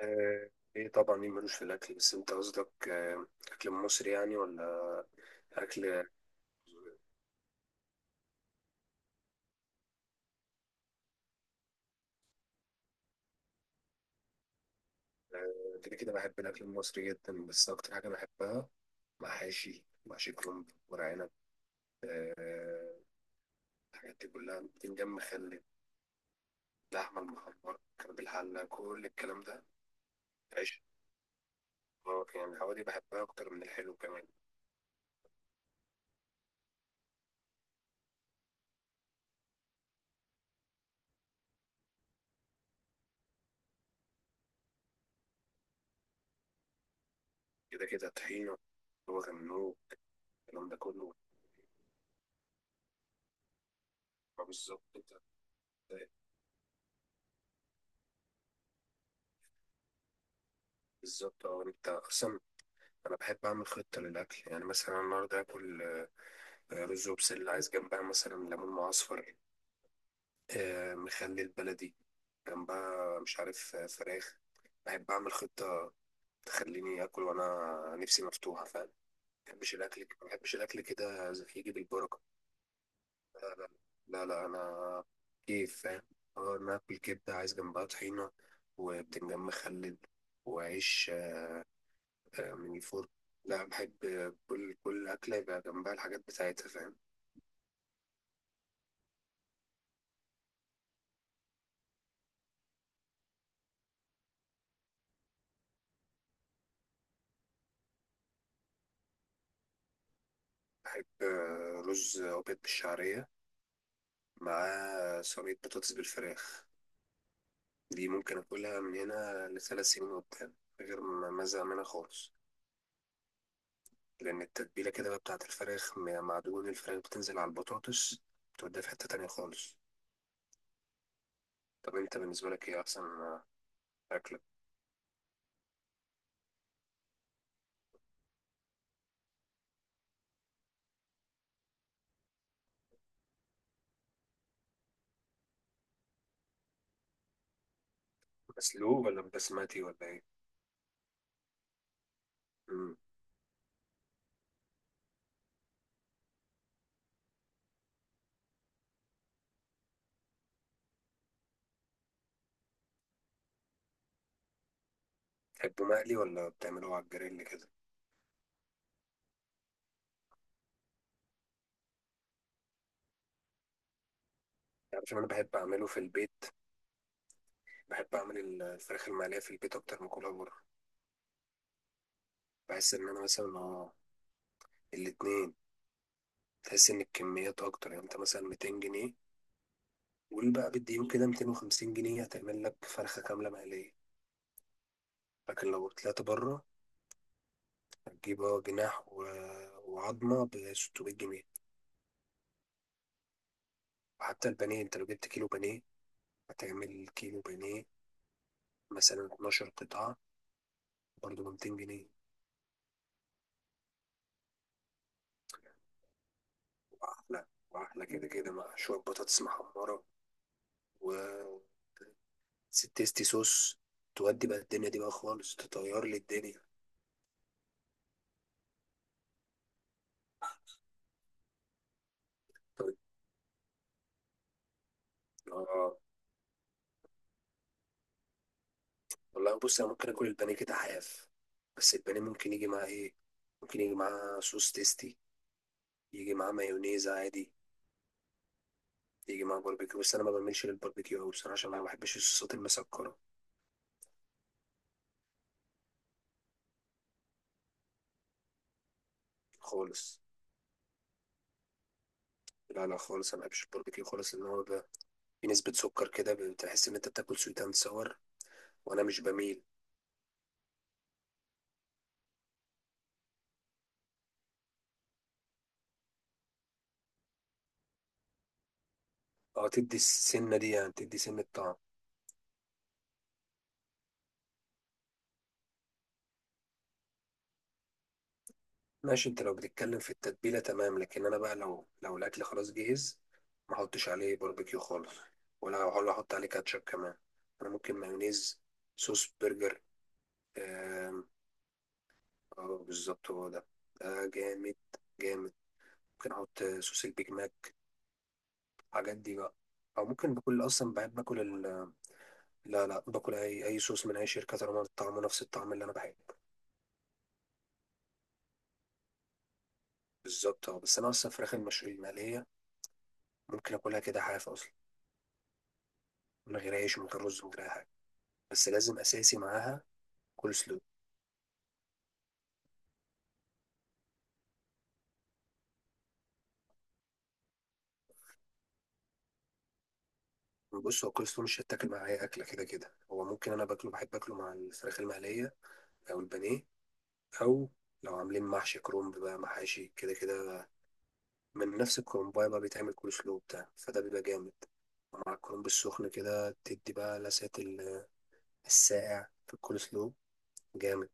آه، ايه طبعا، مين ملوش في الاكل؟ بس انت قصدك اكل مصري، يعني، ولا اكل؟ كده كده بحب الاكل المصري جدا، بس اكتر حاجه بحبها محاشي، محشي كرنب، ورق عنب. آه، الحاجات دي كلها بتنجم مخلل، اللحمه المحمره كان بالحله، كل الكلام ده، عيش. يعني الحوادق بحبها اكتر من الحلو كمان. كده كده طحينه، هو كان الكلام ده كله. بالظبط انت. بالظبط، اه، انت اصلا، انا بحب اعمل خطه للاكل، يعني مثلا النهارده اكل رز وبسله، عايز جنبها مثلا ليمون معصفر، مخلي البلدي، جنبها مش عارف، فراخ. بحب اعمل خطه تخليني اكل وانا نفسي مفتوحه، فاهم؟ ما بحبش الاكل كده، يجي بالبركه. لا لا، لا لا، انا كيف، فاهم؟ اه، انا اكل كبده عايز جنبها طحينه، وبتنجان مخلل، وعيش، من الفرن. لا، بحب كل اكله يبقى جنبها الحاجات بتاعتها، فاهم؟ بحب رز أبيض بالشعرية مع صينية بطاطس بالفراخ. دي ممكن أكلها من هنا ل3 سنين قدام، من غير ما أزهق منها خالص. لأن التتبيلة كده بقى بتاعة الفراخ، مع دهون الفراخ بتنزل على البطاطس، بتوديها في حتة تانية خالص. طب أنت بالنسبة لك إيه أحسن أكلة؟ مسلوق ولا بسمتي ولا إيه؟ مم. تحبه مقلي ولا بتعمله على الجريل كده؟ عشان أنا بحب أعمله في البيت. بحب أعمل الفراخ المقلية في البيت أكتر من كلها بره. بحس إن أنا مثلا الاتنين، تحس ان الكميات اكتر. يعني انت مثلا 200 جنيه، قول بقى بالديون كده 250 جنيه، هتعمل لك فرخه كامله مقليه. لكن لو طلعت بره هتجيب، اه، جناح وعظمه ب 600 جنيه. وحتى البانيه، انت لو جبت كيلو بانيه، هتعمل كيلو بانيه مثلا 12 قطعه برضه ب 200 جنيه. واحلى، واحلى كده كده، مع شويه بطاطس محمره و ست تيستي صوص، تودي بقى الدنيا دي بقى خالص، تطير لي الدنيا. طيب، اه. والله بص، انا ممكن اكل البانيه كده حاف، بس البانيه ممكن يجي معاه ايه؟ ممكن يجي معاه صوص تيستي، يجي معاه مايونيز عادي، يجي معاه باربيكيو. بس انا ما بعملش للباربيكيو قوي بصراحه، عشان انا ما بحبش الصوصات المسكره خالص. لا لا، خالص، انا ما بحبش الباربيكيو خالص، لان هو بقى في نسبه سكر، كده بتحس ان انت بتاكل سويت اند ساور، وانا مش بميل. اه، تدي السنه دي، يعني تدي سنه طعم. ماشي، انت لو بتتكلم في التتبيلة، تمام. لكن انا بقى لو الاكل خلاص جهز، ما احطش عليه باربيكيو خالص، ولا احط عليه كاتشب كمان. انا ممكن مايونيز، صوص برجر، آم، اه، بالظبط هو ده، ده جامد، جامد. ممكن احط صوص البيج ماك، الحاجات دي بقى. او ممكن باكل اصلا، بحب باكل لا لا، باكل اي صوص من اي شركه، طالما طعمه نفس الطعم اللي انا بحبه. بالظبط، اه، بس انا اصلا فراخ المشوي المقليه ممكن اكلها كده حاف اصلا، من غير عيش، من غير رز، من غير اي حاجه، بس لازم اساسي معاها كول سلو. بص، هو كول سلو مش هيتاكل مع اي اكله كده كده، هو ممكن انا باكله، بحب اكله مع الفراخ المقليه او البانيه، او لو عاملين محشي كرنب بقى، محاشي كده كده، من نفس الكرنبايه بقى بيتعمل كول سلو بتاع، فده بيبقى جامد مع الكرنب السخن. كده تدي بقى لسعة الساقع في الكول سلو، جامد.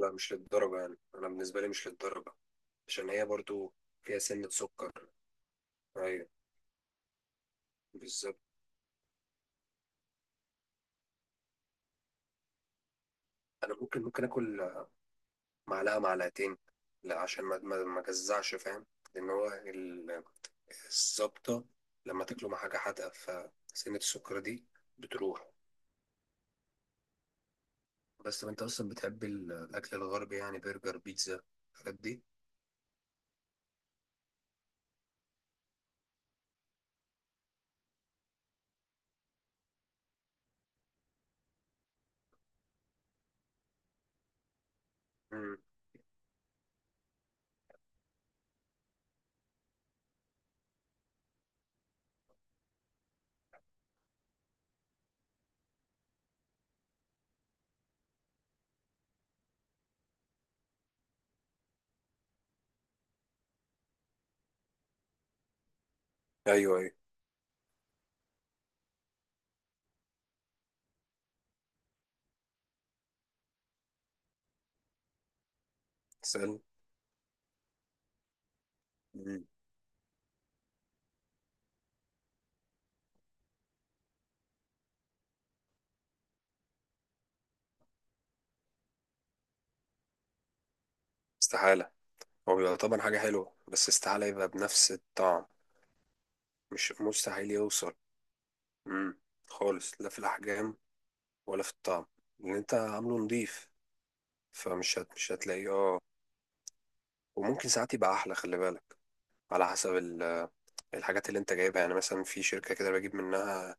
لا، مش للدرجة، يعني أنا بالنسبة لي مش للدرجة، عشان هي برضو فيها سنة سكر. أيوة، بالظبط. أنا ممكن آكل معلقة معلقتين، لا عشان ما جزعش، فاهم؟ لأن هو الزبطة لما تاكله مع حاجة حادقة، فسنة السكر دي بتروح. بس طب أنت أصلا بتحب الأكل الغربي؟ يعني برجر، بيتزا، الحاجات دي؟ مم. ايوه ايوه، اسال. مم. استحاله. هو بيبقى طبعا حاجه حلوه، بس استحاله يبقى بنفس الطعم، مش مستحيل يوصل. مم. خالص، لا في الاحجام ولا في الطعم اللي انت عامله نضيف، مش هتلاقيه، اه. وممكن ساعات يبقى احلى، خلي بالك، على حسب الحاجات اللي انت جايبها. يعني مثلا في شركة كده بجيب منها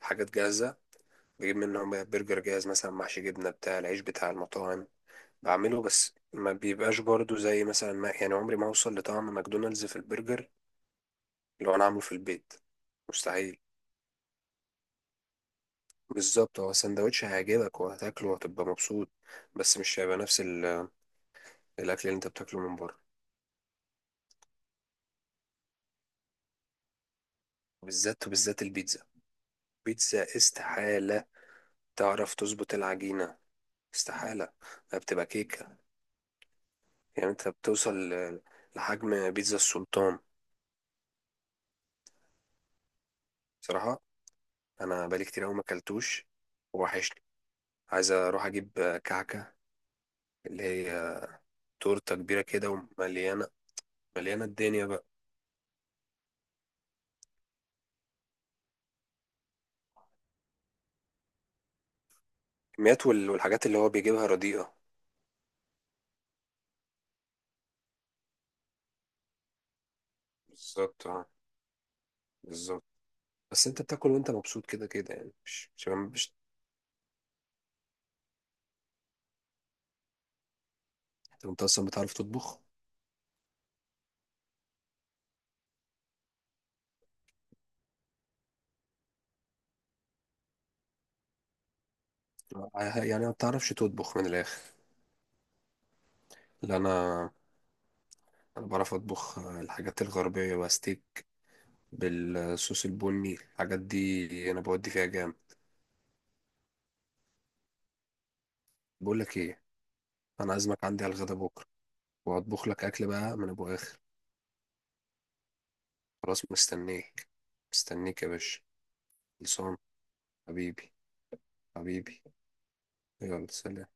حاجات جاهزة، بجيب منهم برجر جاهز مثلا محشي جبنة بتاع العيش بتاع المطاعم، بعمله. بس ما بيبقاش برضو زي مثلا، ما يعني عمري ما اوصل لطعم ماكدونالدز في البرجر لو انا عامله في البيت، مستحيل. بالظبط، هو سندوتش هيعجبك وهتاكله وهتبقى مبسوط، بس مش هيبقى نفس الاكل اللي انت بتاكله من بره. بالذات، وبالذات البيتزا، بيتزا استحالة تعرف تظبط العجينة، استحالة، ده بتبقى كيكة. يعني انت بتوصل لحجم بيتزا السلطان. بصراحة انا بقالي كتير اوي ما اكلتوش، ووحشني، عايز اروح اجيب كعكة، اللي هي تورتة كبيرة كده ومليانة، مليانة الدنيا بقى. الكميات والحاجات اللي هو بيجيبها رديئة. بالظبط، اه، بالظبط. بس انت بتاكل وانت مبسوط كده كده، يعني مش. طب انت اصلا بتعرف تطبخ؟ اه، يعني ما بتعرفش تطبخ من الاخر. لا، انا بعرف اطبخ الحاجات الغربية بقى، ستيك بالصوص البني، الحاجات دي انا بودي فيها جامد. بقول لك ايه، انا عازمك عندي على الغدا بكره، وهطبخ لك اكل بقى من ابو اخر. خلاص مستنيك، مستنيك يا باشا، خلصان. حبيبي، حبيبي، يلا سلام.